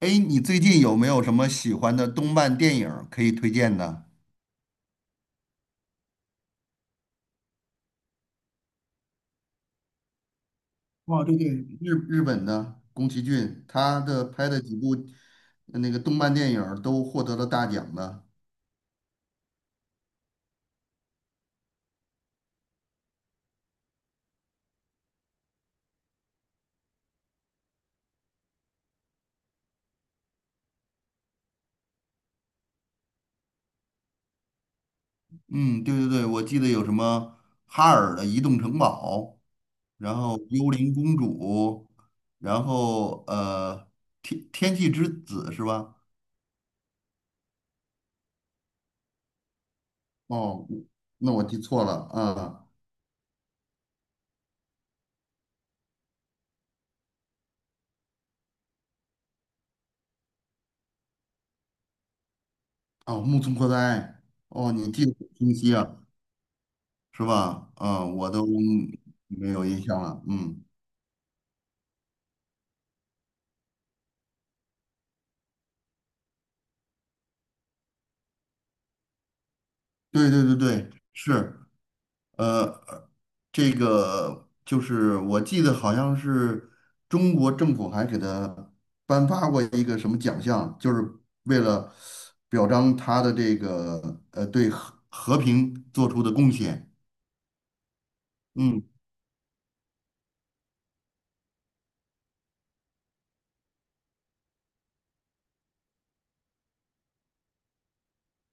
哎，你最近有没有什么喜欢的动漫电影儿可以推荐的？哦，对对，日本的宫崎骏，他的拍的几部那个动漫电影儿都获得了大奖的。嗯，对对对，我记得有什么哈尔的移动城堡，然后幽灵公主，然后天气之子是吧？哦，那我记错了啊。哦，木村拓哉，哦，你记得很清晰啊。是吧？啊，我都没有印象了。嗯，对对对对，是，呃，这个就是我记得好像是中国政府还给他颁发过一个什么奖项，就是为了表彰他的这个对和平做出的贡献。嗯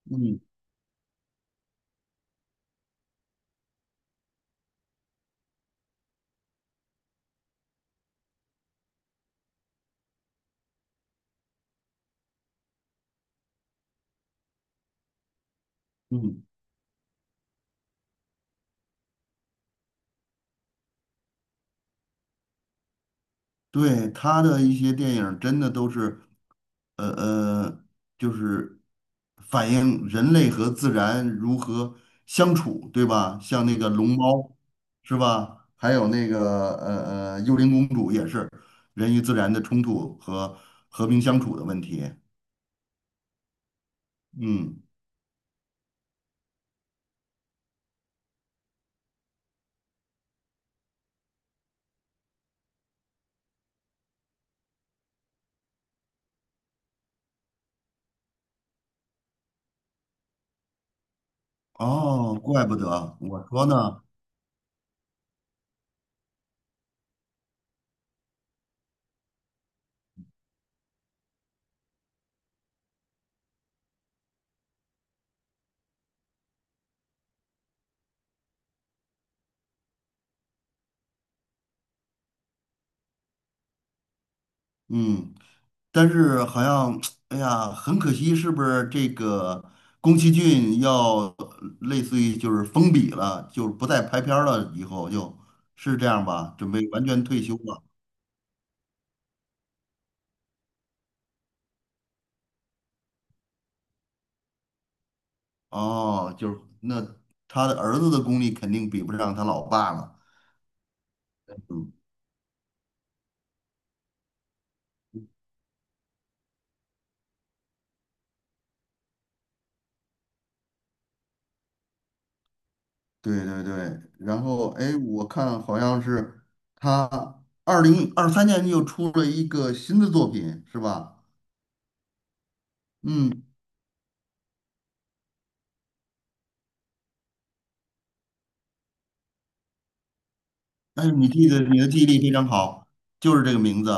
嗯嗯。对，他的一些电影真的都是，呃呃，就是反映人类和自然如何相处，对吧？像那个龙猫，是吧？还有那个幽灵公主也是人与自然的冲突和和平相处的问题。嗯，哦，怪不得我说呢，嗯，但是好像，哎呀，很可惜，是不是这个宫崎骏要类似于就是封笔了，就是不再拍片儿了，以后就是这样吧，准备完全退休了。哦，就是那他的儿子的功力肯定比不上他老爸了。嗯，对对对。然后，哎，我看好像是他二零二三年又出了一个新的作品，是吧？嗯，哎，你记得你的记忆力非常好，就是这个名字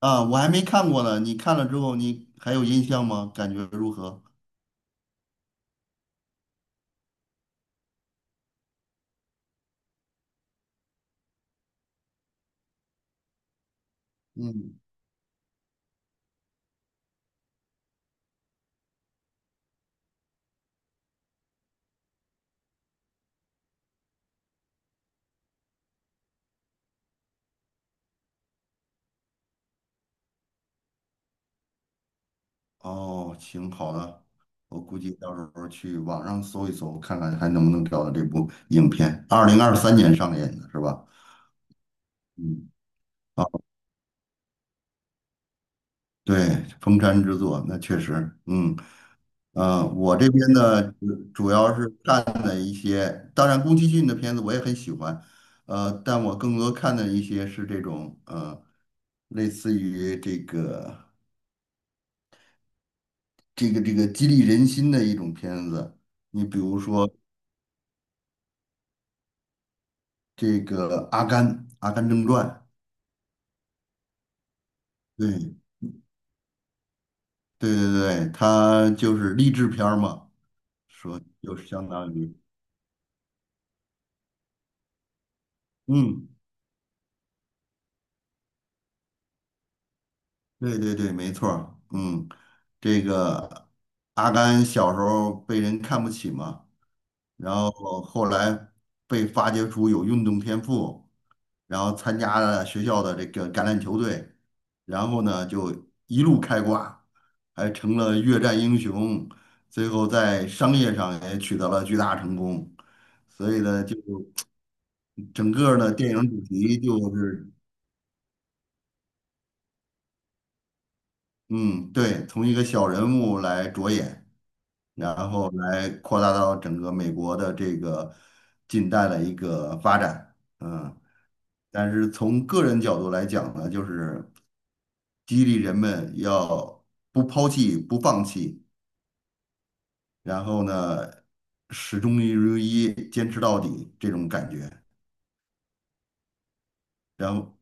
啊，我还没看过呢。你看了之后，你还有印象吗？感觉如何？嗯，哦，行，好的，我估计到时候去网上搜一搜，看看还能不能找到这部影片。二零二三年上映的是吧？嗯，啊，对，《封山之作》那确实，嗯。嗯，我这边呢，主要是看的一些，当然宫崎骏的片子我也很喜欢，但我更多看的一些是这种，类似于这个激励人心的一种片子。你比如说这个《阿甘正传》，对对对对，它就是励志片儿嘛，说就是相当于，嗯。对对对，没错儿嗯，这个阿甘小时候被人看不起嘛，然后后来被发掘出有运动天赋，然后参加了学校的这个橄榄球队，然后呢就一路开挂，还成了越战英雄，最后在商业上也取得了巨大成功，所以呢，就整个儿呢电影主题就是，嗯，对，从一个小人物来着眼。然后来扩大到整个美国的这个近代的一个发展，嗯，但是从个人角度来讲呢，就是激励人们要不抛弃、不放弃，然后呢，始终如一，坚持到底这种感觉。然后，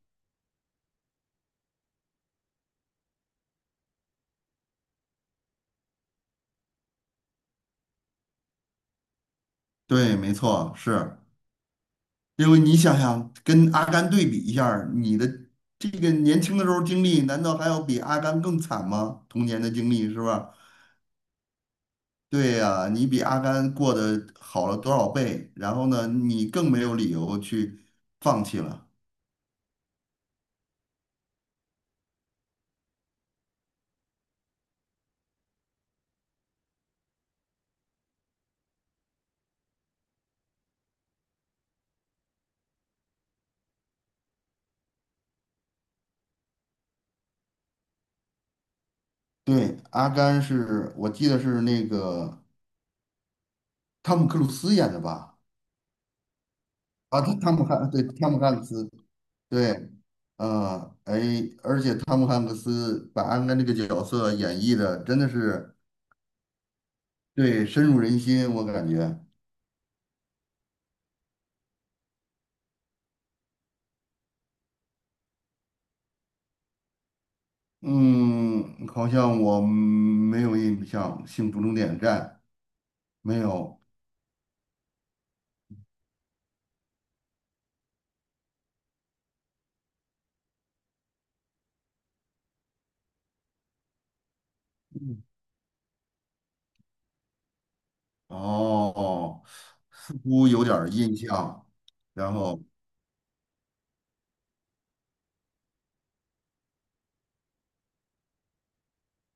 对，没错，是因为你想想，跟阿甘对比一下儿你的这个年轻的时候经历，难道还要比阿甘更惨吗？童年的经历是吧？对呀，你比阿甘过得好了多少倍？然后呢，你更没有理由去放弃了。对，阿甘是我记得是那个汤姆克鲁斯演的吧？啊，他汤姆汉对汤姆汉克斯对，嗯，哎，而且汤姆汉克斯把阿甘这个角色演绎的真的是对深入人心，我感觉。嗯，好像我没有印象，《幸福终点站》没有。哦，似乎有点儿印象。然后，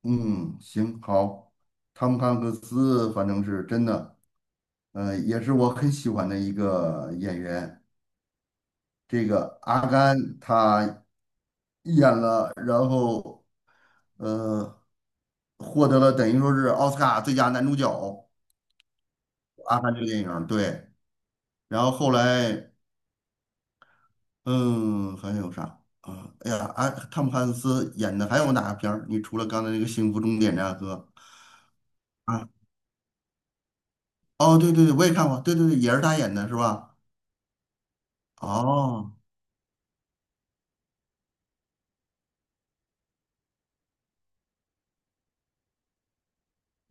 嗯，行，好，汤姆汉克斯反正是真的，也是我很喜欢的一个演员。这个阿甘他演了，呃，获得了等于说是奥斯卡最佳男主角。阿甘这个电影儿对。然后后来嗯，还有啥啊？哎呀，啊，汤姆汉克斯演的还有哪个片儿？你除了刚才那个《幸福终点站》和啊，哦，对对对，我也看过，对对对，也是他演的是吧？哦，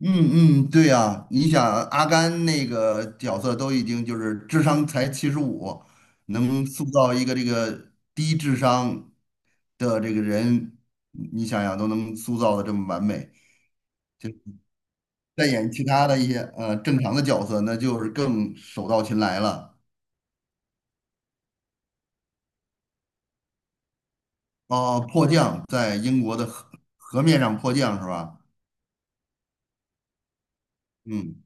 嗯嗯，对呀，你想阿甘那个角色都已经就是智商才75，能塑造一个这个低智商的这个人，你想想都能塑造的这么完美，再演其他的一些正常的角色，那就是更手到擒来了。哦，迫降在英国的河面上迫降是吧？嗯，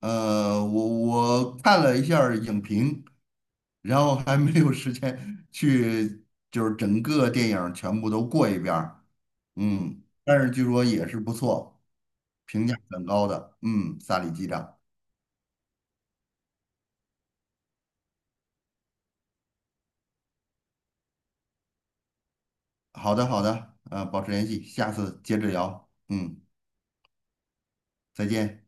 我看了一下儿影评，然后还没有时间去，就是整个电影儿全部都过一遍儿嗯，但是据说也是不错，评价很高的。嗯，萨里机长。好的，好的，保持联系，下次接着聊。嗯，再见。